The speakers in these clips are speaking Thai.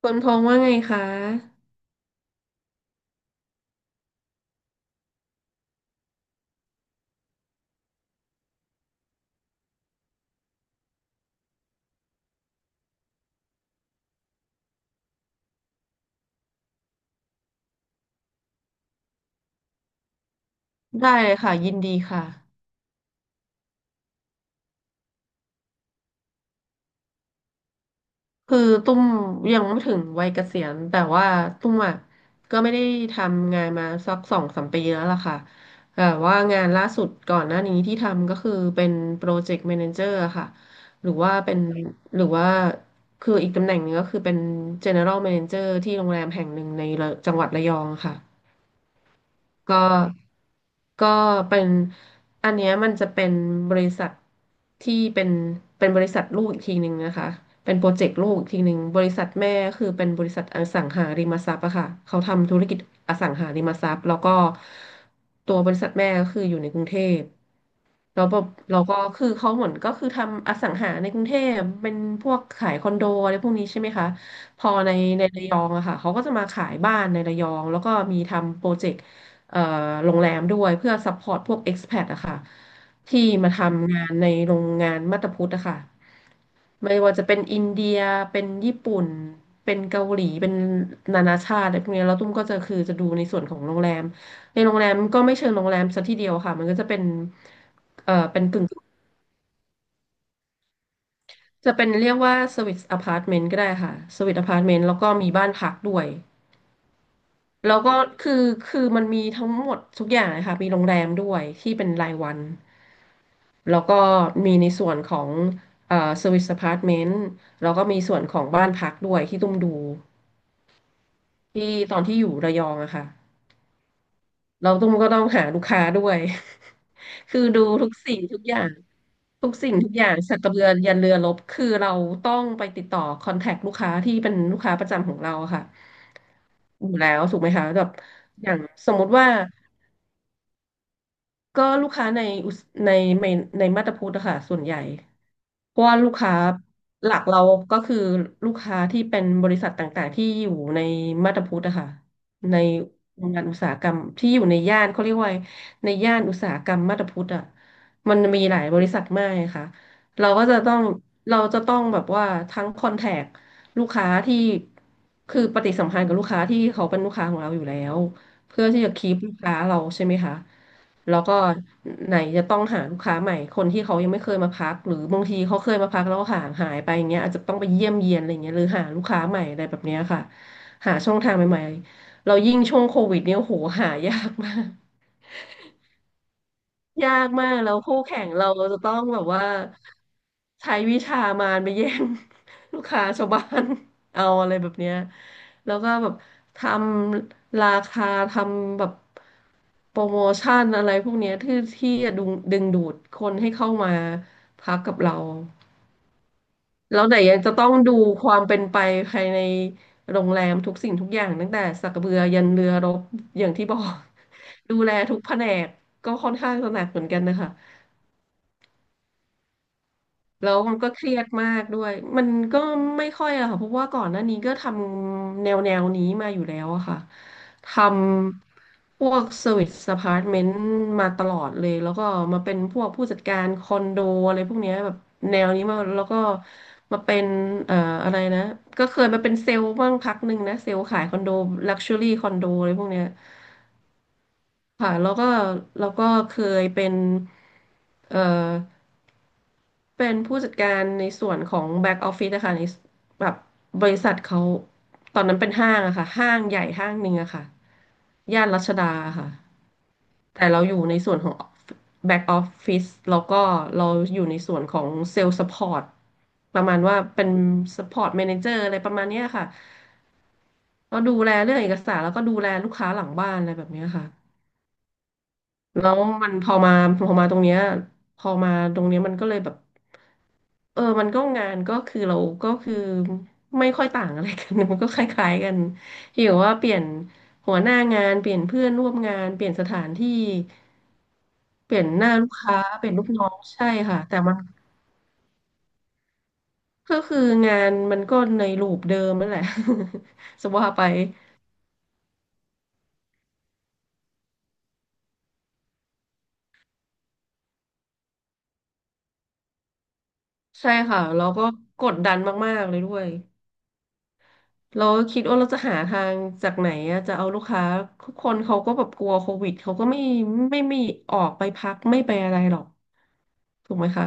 คุณพงษ์ว่าไงคะได้เลยค่ะยินดีค่ะคือตุ้มยังไม่ถึงวัยเกษียณแต่ว่าตุ้มอ่ะก็ไม่ได้ทำงานมาสักสองสามปีแล้วล่ะค่ะแต่ว่างานล่าสุดก่อนหน้านี้ที่ทำก็คือเป็นโปรเจกต์แมเนเจอร์ค่ะหรือว่าเป็นหรือว่าคืออีกตำแหน่งหนึ่งก็คือเป็น General Manager ที่โรงแรมแห่งหนึ่งในระจังหวัดระยองค่ะ ก็ก็เป็นอันเนี้ยมันจะเป็นบริษัทที่เป็นบริษัทลูกอีกทีหนึ่งนะคะเป็นโปรเจกต์ลูกอีกทีหนึ่งบริษัทแม่คือเป็นบริษัทอสังหาริมทรัพย์อะค่ะเขาทำธุรกิจอสังหาริมทรัพย์แล้วก็ตัวบริษัทแม่ก็คืออยู่ในกรุงเทพ แล้วแบบเราก็คือเขาเหมือนก็คือทำอสังหาในกรุงเทพเป็นพวกขายคอนโดอะไรพวกนี้ใช่ไหมคะพอในระยองอะค่ะเขาก็จะมาขายบ้านในระยองแล้วก็มีทำโปรเจกต์เอ่อโรงแรมด้วยเพื่อซัพพอร์ตพวก expat อะค่ะที่มาทำงานในโรงงานมาตาพุทธอะค่ะไม่ว่าจะเป็นอินเดียเป็นญี่ปุ่นเป็นเกาหลีเป็นนานาชาติอะไรพวกเนี้ยแล้วตุ้มก็จะคือจะดูในส่วนของโรงแรมในโรงแรมก็ไม่เชิงโรงแรมซะทีเดียวค่ะมันก็จะเป็น เออเป็นกึ่งจะเป็นเรียกว่าสวิตอพาร์ตเมนต์ก็ได้ค่ะสวิตอพาร์ตเมนต์แล้วก็มีบ้านพักด้วยแล้วก็คือคือมันมีทั้งหมดทุกอย่างเลยค่ะมีโรงแรมด้วยที่เป็นรายวันแล้วก็มีในส่วนของสวิตอพาร์ตเมนต์แล้วก็มีส่วนของบ้านพักด้วยที่ตุ้มดูที่ตอนที่อยู่ระยองอะค่ะ เราต้องก็ต้องหาลูกค้าด้วย คือดูทุกสิ่งทุกอย่าง ทุกสิ่งทุกอย่างสักกระเบือยันเรือรบคือเราต้องไปติดต่อคอนแทคลูกค้าที่เป็นลูกค้าประจำของเราอะค่ะอยู่แล้วถูกไหมคะแบบอย่างสมมติว่า ก็ลูกค้าในอุตสในในในมาตรพุทธอะค่ะส่วนใหญ่เพราะว่าลูกค้าหลักเราก็คือลูกค้าที่เป็นบริษัทต่างๆที่อยู่ในมาตรพุทธอะค่ะในโรงงานอุตสาหกรรมที่อยู่ในย่านเขาเรียกว่าในย่านอุตสาหกรรมมาตรพุทธอะมันมีหลายบริษัทมากค่ะเราก็จะต้องเราจะต้องแบบว่าทั้งคอนแทคลูกค้าที่คือปฏิสัมพันธ์กับลูกค้าที่เขาเป็นลูกค้าของเราอยู่แล้วเพื่อที่จะคีปลูกค้าเราใช่ไหมคะ แล้วก็ไหนจะต้องหาลูกค้าใหม่คนที่เขายังไม่เคยมาพักหรือบางทีเขาเคยมาพักแล้วห่างหายไปอย่างเงี้ยอาจจะต้องไปเยี่ยมเยียนอะไรเงี้ยหรือหาลูกค้าใหม่อะไรแบบเนี้ยค่ะหาช่องทางใหม่ๆเรายิ่งช่วงโควิดเนี่ยโหหายากมาก ยากมากแล้วคู่แข่งเราจะต้องแบบว่าใช้วิชามารไปแย่ง ลูกค้าชาวบ้าน เอาอะไรแบบเนี้ยแล้วก็แบบทำราคาทำแบบโปรโมชั่นอะไรพวกเนี้ยที่จะดึงดูดคนให้เข้ามาพักกับเราแล้วไหนยังจะต้องดูความเป็นไปภายในโรงแรมทุกสิ่งทุกอย่างตั้งแต่สักกระเบือยันเรือรบอย่างที่บอก ดูแลทุกแผนกก็ค่อนข้างจะหนักเหมือนกันนะคะ แล้วมันก็เครียดมากด้วยมันก็ไม่ค่อยอะค่ะเพราะว่าก่อนหน้านี้ก็ทำแนวนี้มาอยู่แล้วอะค่ะ ทำพวกเซอร์วิสอพาร์ตเมนต์มาตลอดเลยแล้วก็มาเป็นพวกผู้จัดการคอนโดอะไรพวกเนี้ยแบบแนวนี้มาแล้วก็มาเป็นเอ่ออะไรนะก็เคยมาเป็นเซลล์บ้างพักหนึ่งนะเซลล์ขายคอนโดลักชัวรี่คอนโดอะไรพวกเนี้ยค่ะแล้วก็เคยเป็นเอ่อ เป็นผู้จัดการในส่วนของแบ็กออฟฟิศนะคะในแบบบริษัทเขาตอนนั้นเป็นห้างอะค่ะห้างใหญ่ห้างหนึ่งอะค่ะย่านรัชดาค่ะแต่เราอยู่ในส่วนของแบ็กออฟฟิศแล้วก็เราอยู่ในส่วนของเซลล์สปอร์ตประมาณว่าเป็นสปอร์ต a ม a นเจอร์อะไรประมาณเนี้ยค่ะก็ดูแลเรื่องเอกสารแล้วก็ดูแลลูกค้าหลังบ้านอะไรแบบเนี้ยค่ะแล้วมันพอมาพอมาตรงเนี้ยพอมาตรงเนี้ยมันก็เลยแบบ เออมันก็งานก็คือเราก็คือไม่ค่อยต่างอะไรกัน มันก็คล้ายๆกันที่แบบว่าเปลี่ยนหัวหน้างาน เปลี่ยนเพื่อนร่วมงาน เปลี่ยนสถานที่ เปลี่ยนหน้าลูกค้า เปลี่ยนลูกน้องใช่ค่ะแต่มันก็คืองานมันก็ในรูปเดิมนั่นแหละ สว่าไปใช่ค่ะ เราก็กดดันมากๆเลยด้วย เราคิดว่าเราจะหาทางจากไหนอะจะเอาลูกค้าทุกคนเขาก็แบบกลัวโควิดเขาก็ไม่ไมีออกไปพักไม่ไปอะไรหรอก ถูกไหมคะ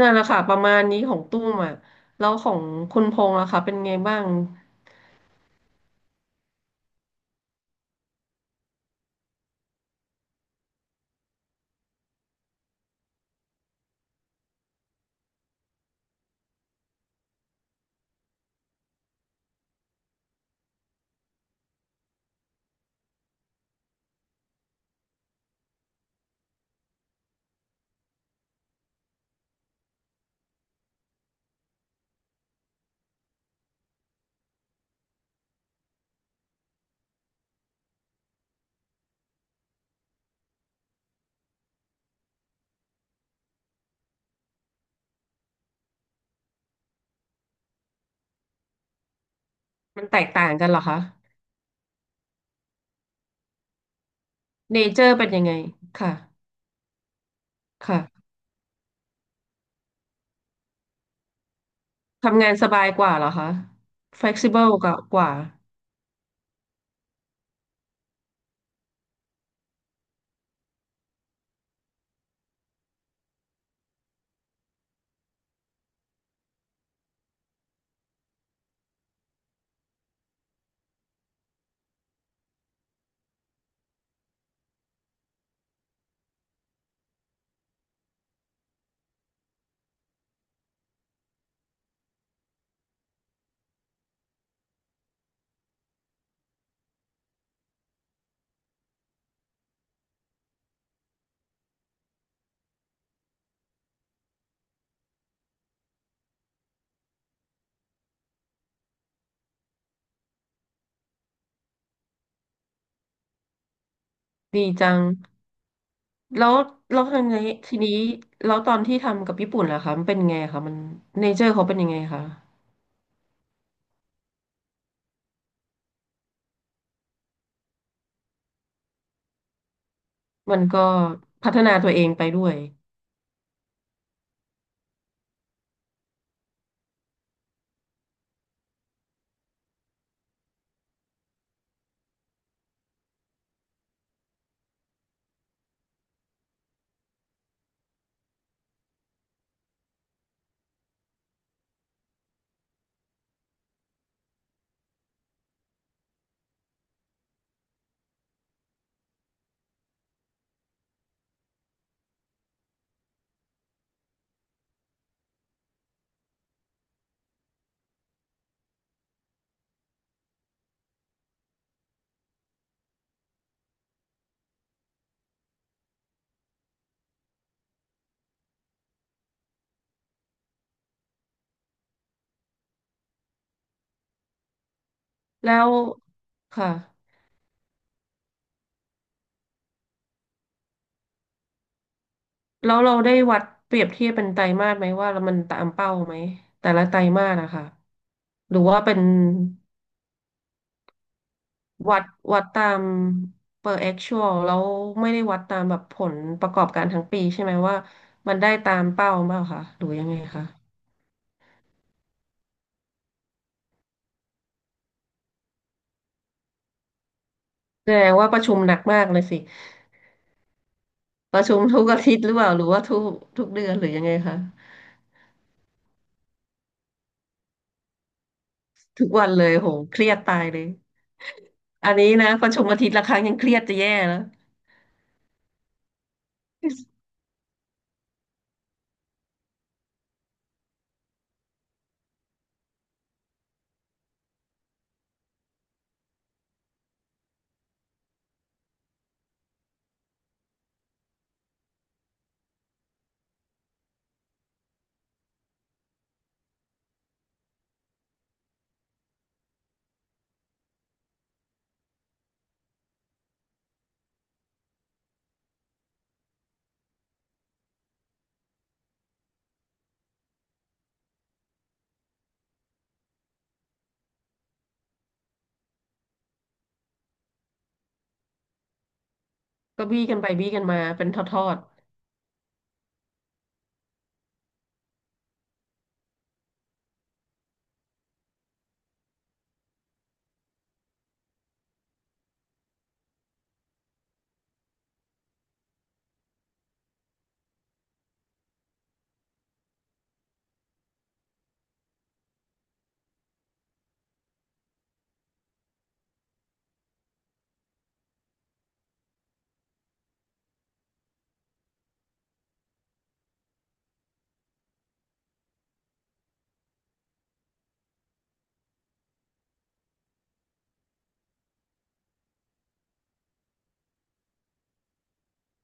นั่นแหละค่ะประมาณนี้ของตุ้มอ่ะแล้วของคุณพงษ์ล่ะคะเป็นไงบ้างมันแตกต่างกันเหรอคะเนเจอร์เป็นยังไงค่ะค่ะทำงานสบายกว่าเหรอคะ flexible กว่าดีจังแล้วทีนี้แล้วตอนที่ทำกับญี่ปุ่นล่ะคะมันเป็นไงคะมันเนเจอร์เขาเป็นยังไงคะมันก็พัฒนาตัวเองไปด้วยแล้วค่ะ แล้วเราได้วัดเปรียบเทียบเป็นไตรมาสไหมว่ามันตามเป้าไหมแต่ละไตรมาสอะค่ะหรือว่าเป็นวัดวัดตาม per actual แล้วไม่ได้วัดตามแบบผลประกอบการทั้งปีใช่ไหมว่ามันได้ตามเป้าเปล่าคะหรือยังไงคะแสดงว่าประชุมหนักมากเลยสิประชุมทุกอาทิตย์หรือเปล่าหรือว่าทุกเดือนหรือยังไงคะทุกวันเลยโหเครียดตายเลยอันนี้นะประชุมอาทิตย์ละครั้งยังเครียดจะแย่แล้วก็บี้กันไปบี้กันมาเป็นทอด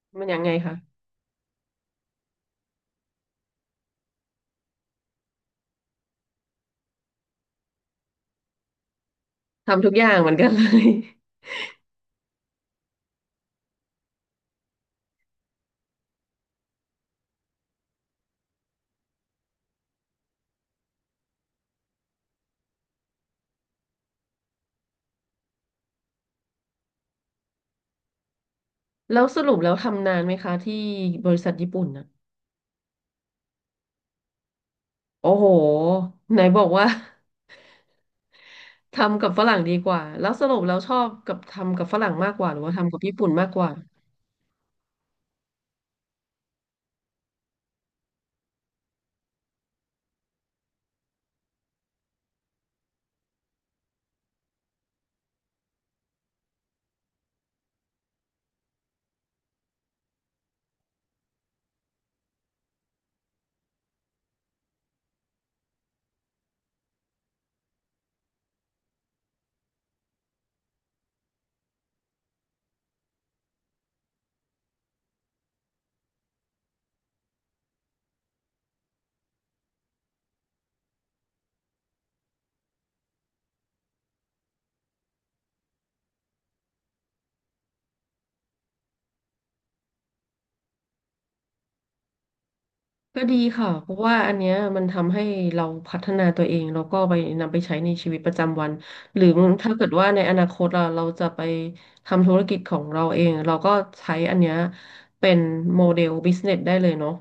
ๆมันยังไงคะ ทำทุกอย่างเหมือนกันเลย แล้วสรุปแล้วทำนานไหมคะที่บริษัทญี่ปุ่นน่ะโอ้โหไหนบอกว่า ทำกับฝรั่งดีกว่าแล้วสรุปแล้วชอบกับทำกับฝรั่งมากกว่าหรือว่าทำกับญี่ปุ่นมากกว่า ก็ดีค่ะเพราะว่าอันเนี้ยมันทำให้เราพัฒนาตัวเองแล้วก็ไปนำไปใช้ในชีวิตประจำวัน หรือถ้าเกิดว่าในอนาคตเราจะไปทำธุรกิจของเราเองเราก็ใช้อันเนี้ยเป็นโมเดลบิสเนสได้เลยเนาะ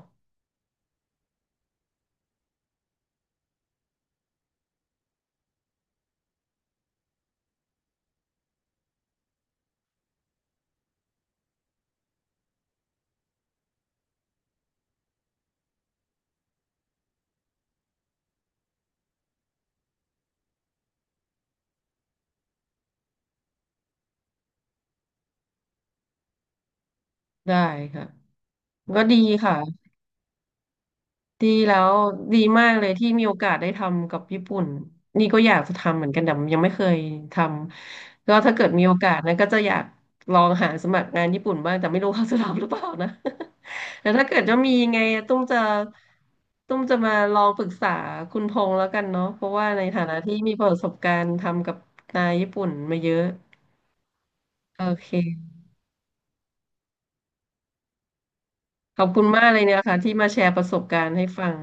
ได้ค่ะก็ดีค่ะ ดีแล้วดีมากเลยที่มีโอกาสได้ทำกับญี่ปุ่นนี่ก็อยากจะทำเหมือนกันแต่ยังไม่เคยทำก็ถ้าเกิดมีโอกาสนะก็จะอยากลองหาสมัครงานญี่ปุ่นบ้างแต่ไม่รู้เขาจะรับหรือเปล่านะ แต่ถ้าเกิดจะมีไงตุ้มจะตุ้มจะมาลองปรึกษาคุณพงษ์แล้วกันเนาะเพราะว่าในฐานะที่มีประสบการณ์ทำกับนายญี่ปุ่นมาเยอะโอเคขอบคุณมากเลยนะคะที่มาแชร์ประสบการณ์ให้ฟัง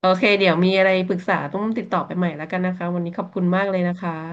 โอเคเดี๋ยวมีอะไรปรึกษาต้องติดต่อไปใหม่แล้วกันนะคะวันนี้ขอบคุณมากเลยนะคะ